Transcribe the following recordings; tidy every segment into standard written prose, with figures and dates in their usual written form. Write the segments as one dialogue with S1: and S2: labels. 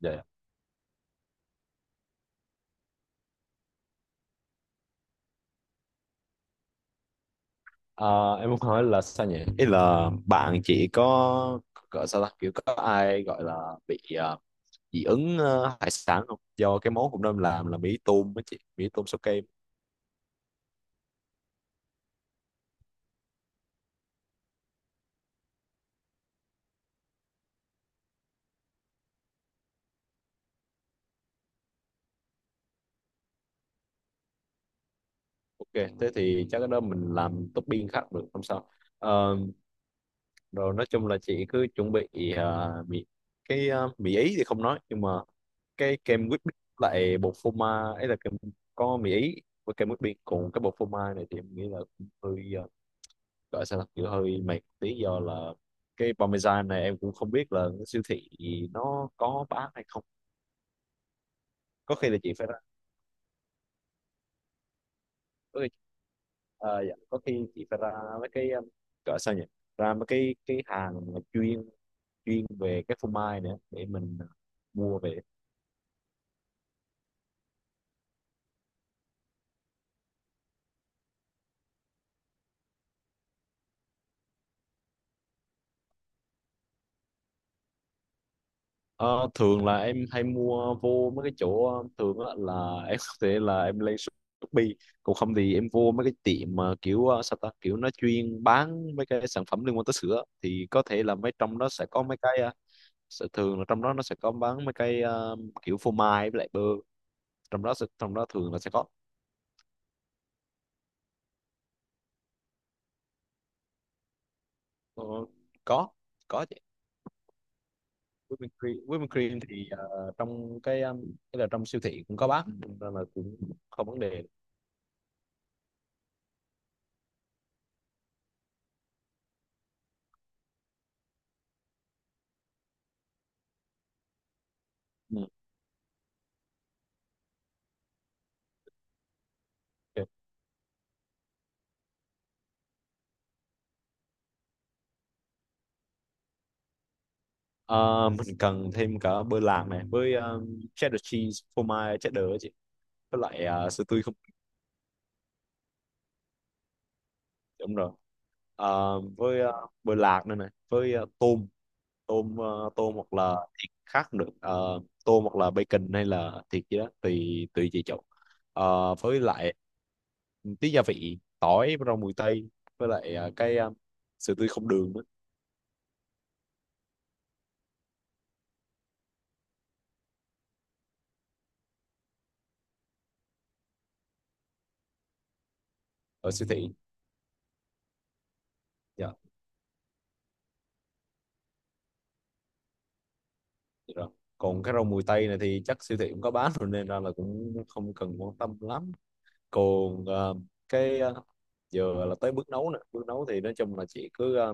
S1: Dạ. Dạ. Ờ, em muốn hỏi là sao nhỉ? Ý là bạn chị có gọi sao ta kiểu có ai gọi là bị dị ứng hải sản không? Do cái món cũng nên làm là mì tôm với chị, mì tôm sao kem. Ok, thế thì chắc cái đó mình làm topping khác được không sao? Ờ, Rồi nói chung là chị cứ chuẩn bị mì, cái mì ý thì không nói, nhưng mà cái kem whipped lại bột phô mai ấy là kem, có mì ý với kem whipped. Còn cái bột phô mai này thì em nghĩ là cũng hơi gọi sao ta, kiểu hơi mệt một tí, do là cái parmesan này em cũng không biết là cái siêu thị nó có bán hay không. có khi là chị phải ra có khi, dạ, có khi chị phải ra mấy cái gọi sao nhỉ, ra mấy cái hàng mà chuyên chuyên về cái phô mai nữa để mình mua về. Ờ, Thường là em hay mua vô mấy cái chỗ thường á, là em có thể là em lên Shopee. Còn không thì em vô mấy cái tiệm mà kiểu sao ta, kiểu nó chuyên bán mấy cái sản phẩm liên quan tới sữa, thì có thể là mấy trong đó sẽ có mấy cái sẽ thường là trong đó nó sẽ có bán mấy cái kiểu phô mai với lại bơ, trong trong đó thường là sẽ có. Ờ, có có chứ. Whipping cream, whipping cream thì trong cái là trong siêu thị cũng có bán nên là cũng không vấn đề. Ừ. Ok. Ờ, mình cần thêm cả bơ lạc này với cheddar cheese, phô mai cheddar á chị, với lại sữa tươi không. Đúng rồi. Với bơ lạc nữa này, với tôm tôm, tôm hoặc là thịt khác được. Ờ, Tôm hoặc là bacon hay là thịt gì đó tùy tùy chị chọn. Với lại tí gia vị tỏi, rau mùi tây, với lại sữa tươi không đường nữa. Ở siêu thị. Dạ, vậy rồi. Còn cái rau mùi tây này thì chắc siêu thị cũng có bán rồi, nên ra là cũng không cần quan tâm lắm. Còn cái ờ, giờ là tới bước nấu nè. Bước nấu thì nói chung là chị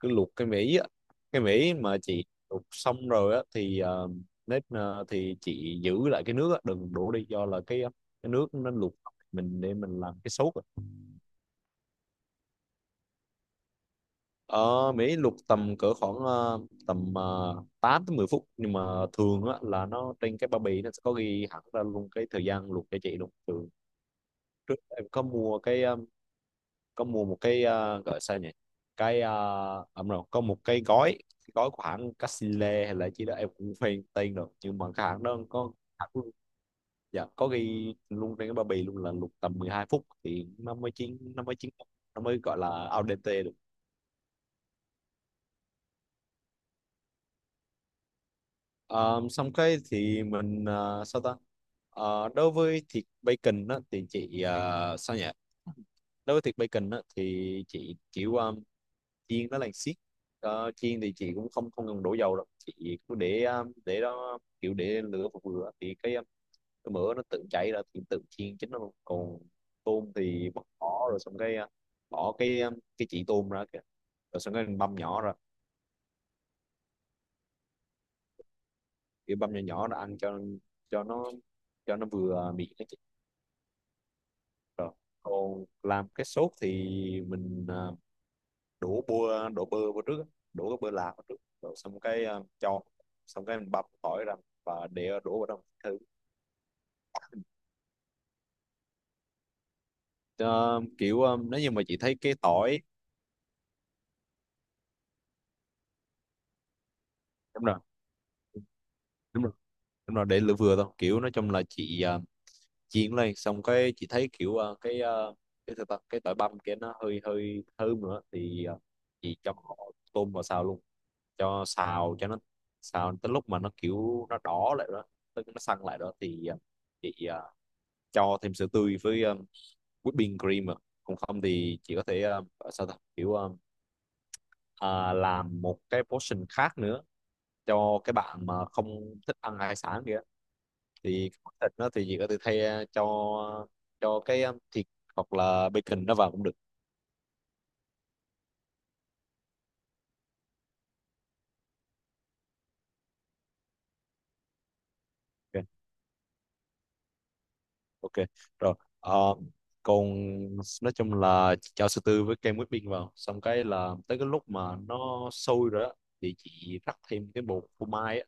S1: cứ luộc cái mỹ á. Cái mỹ mà chị luộc xong rồi á thì thì chị giữ lại cái nước á, đừng đổ đi, do là cái nước nó luộc, mình để mình làm cái sốt á. Ờ, Mỹ luộc tầm cỡ khoảng tầm 8 tới 10 phút, nhưng mà thường á, là nó trên cái bao bì nó sẽ có ghi hẳn ra luôn cái thời gian luộc cho chị luôn. Thường trước em có mua một cái gọi sao nhỉ, cái ẩm rồi, có một cái gói của hãng Casile hay là chỉ đó em cũng quên tên rồi, nhưng mà cái hãng đó hãng luôn- dạ có ghi luôn trên cái bao bì luôn là luộc tầm 12 phút thì nó mới chín, nó mới gọi là al dente được. Ờ, Xong cái thì mình sao ta. Đối với thịt bacon đó, thì chị sao nhỉ, đối với thịt bacon á, thì chị kiểu chiên nó là xiết. Chiên thì chị cũng không không cần đổ dầu đâu, chị cứ để đó, kiểu để lửa vừa vừa thì cái mỡ nó tự chảy ra, thì tự chiên chính nó luôn. Còn tôm thì bỏ, rồi xong cái bỏ cái chỉ tôm ra kìa, rồi xong cái mình băm nhỏ ra, kiểu băm nhỏ nhỏ ra ăn cho nó vừa miệng cái chị. Rồi còn làm cái sốt thì mình đổ bơ vào trước á, đổ cái bơ lạc vào trước, rồi xong cái ờ, cho xong cái mình băm tỏi ra và để đổ vào trong thử. Ờ, Kiểu nếu như mà chị thấy cái tỏi đúng rồi, đúng rồi đúng rồi, để lửa vừa thôi. Kiểu nói chung là chị chiên lên, xong cái chị thấy kiểu cái sao ta? Cái tỏi băm kia nó hơi hơi thơm nữa thì chị cho tôm vào xào luôn, cho xào cho nó xào tới lúc mà nó kiểu nó đỏ lại đó, tức nó săn lại đó, thì chị cho thêm sữa tươi với whipping cream à. Còn không thì chị có thể sao ta kiểu ờ, làm một cái portion khác nữa cho cái bạn mà không thích ăn hải sản kìa. Thì cái món thịt nó, thì chị có thể thay cho thịt hoặc là bacon nó vào cũng được. Ok. Ok rồi. Ờ, Còn nói chung là chị cho sư tư với kem whipping vào, xong cái là tới cái lúc mà nó sôi rồi á, thì chị rắc thêm cái bột phô mai á,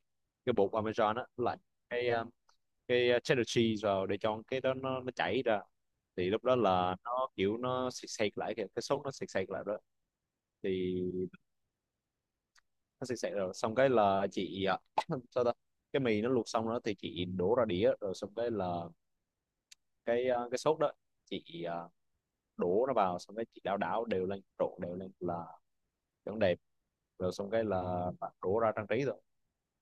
S1: cái bột parmesan á, với lại cái ờ, cái cheddar cheese vào để cho cái đó nó chảy ra, thì lúc đó là nó kiểu nó sệt sệt lại kìa, cái sốt nó sệt sệt lại đó. Thì nó sệt sệt rồi, xong cái là chị sao ta, cái mì nó luộc xong đó thì chị đổ ra đĩa, rồi xong cái là cái sốt đó chị đổ nó vào, xong cái chị đảo đảo đều lên, trộn đều lên là vẫn đẹp. Rồi xong cái là bạn đổ ra trang trí rồi,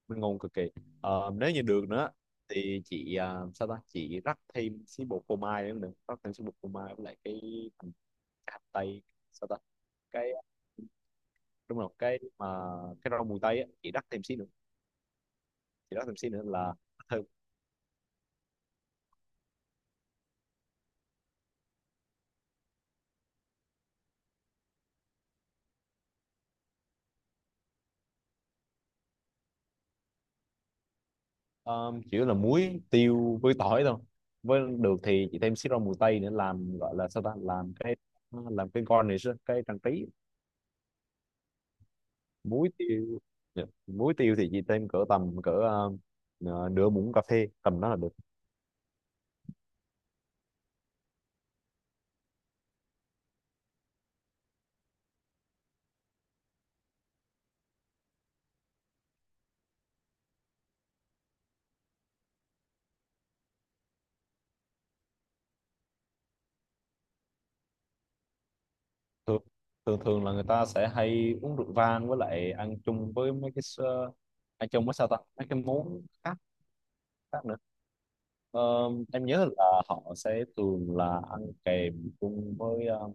S1: mình ngon cực kỳ. Nếu như được nữa thì chị sao ta, chị rắc thêm xí bột phô mai nữa, nữa. Rắc thêm xí bột phô mai với lại hành cái hành tây, sao ta, cái đúng rồi, cái rau mùi tây á, chị rắc thêm xí nữa là thơm. Ờ, Chủ yếu là muối tiêu với tỏi thôi, với được thì chị thêm xí rau mùi tây nữa, làm gọi là sao ta, làm cái garnish á, cái trang trí. Muối tiêu, dạ. Muối tiêu thì chị thêm cỡ tầm cỡ nửa muỗng cà phê, tầm đó là được. thường, Thường thường là người ta sẽ hay uống rượu vang, với lại ăn chung với ăn chung với sao ta mấy cái món khác khác nữa. Ờ, em nhớ là họ sẽ thường là ăn kèm chung với ờ,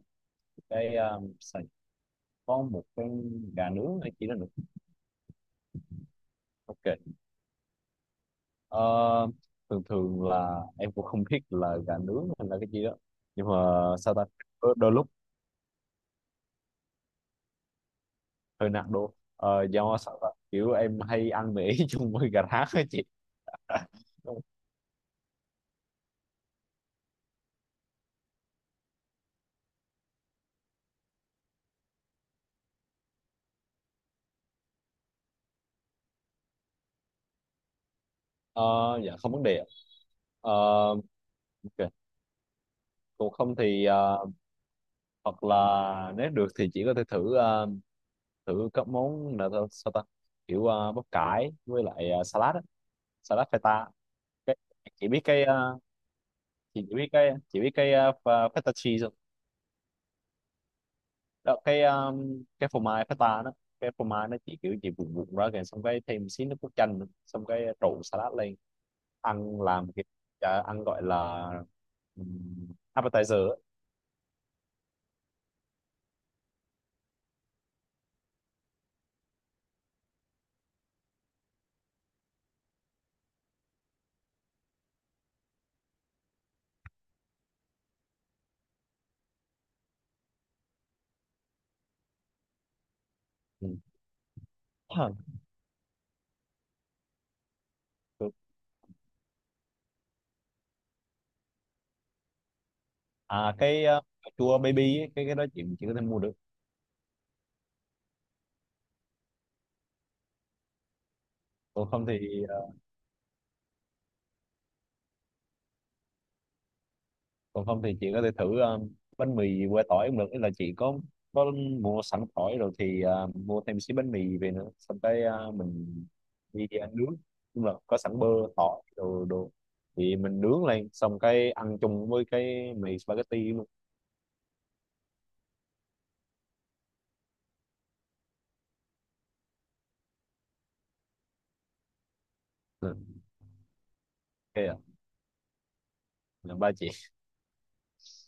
S1: cái có một cái gà nướng hay chỉ là nướng. Ok. Ờ, Thường thường là em cũng không biết là gà nướng hay là cái gì đó, nhưng mà sao ta đôi lúc hơi nặng đô. Ờ, Do sao ta kiểu em hay ăn mì chung với gà rán ấy chị. Ờ, dạ không vấn đề ạ. Ờ, ok. Còn không thì hoặc là nếu được thì chỉ có thể thử thử các món là sao ta, kiểu bắp cải với lại salad feta, cái, chị biết chị chỉ biết cái feta cheese không đó, cái phô mai feta đó, cái phô mai nó chỉ kiểu chỉ vụn vụn ra kìa, xong cái thêm xí nước cốt chanh nữa. Xong cái trộn salad lên, ăn làm cái ăn gọi là um, appetizer á. Ừ. Hả? Được. Cà chua baby ấy, cái đó chị chỉ có thể mua được. còn không thì Còn không thì chị có thể thử bánh mì que tỏi cũng được. Ý là chị có mua sẵn tỏi rồi, thì mua thêm xí bánh mì về nữa, xong cái mình đi ăn nướng, nhưng mà có sẵn bơ tỏi đồ đồ thì mình nướng lên, xong cái ăn chung với cái mì spaghetti luôn. Ừ. Ok ạ. Là ba chị.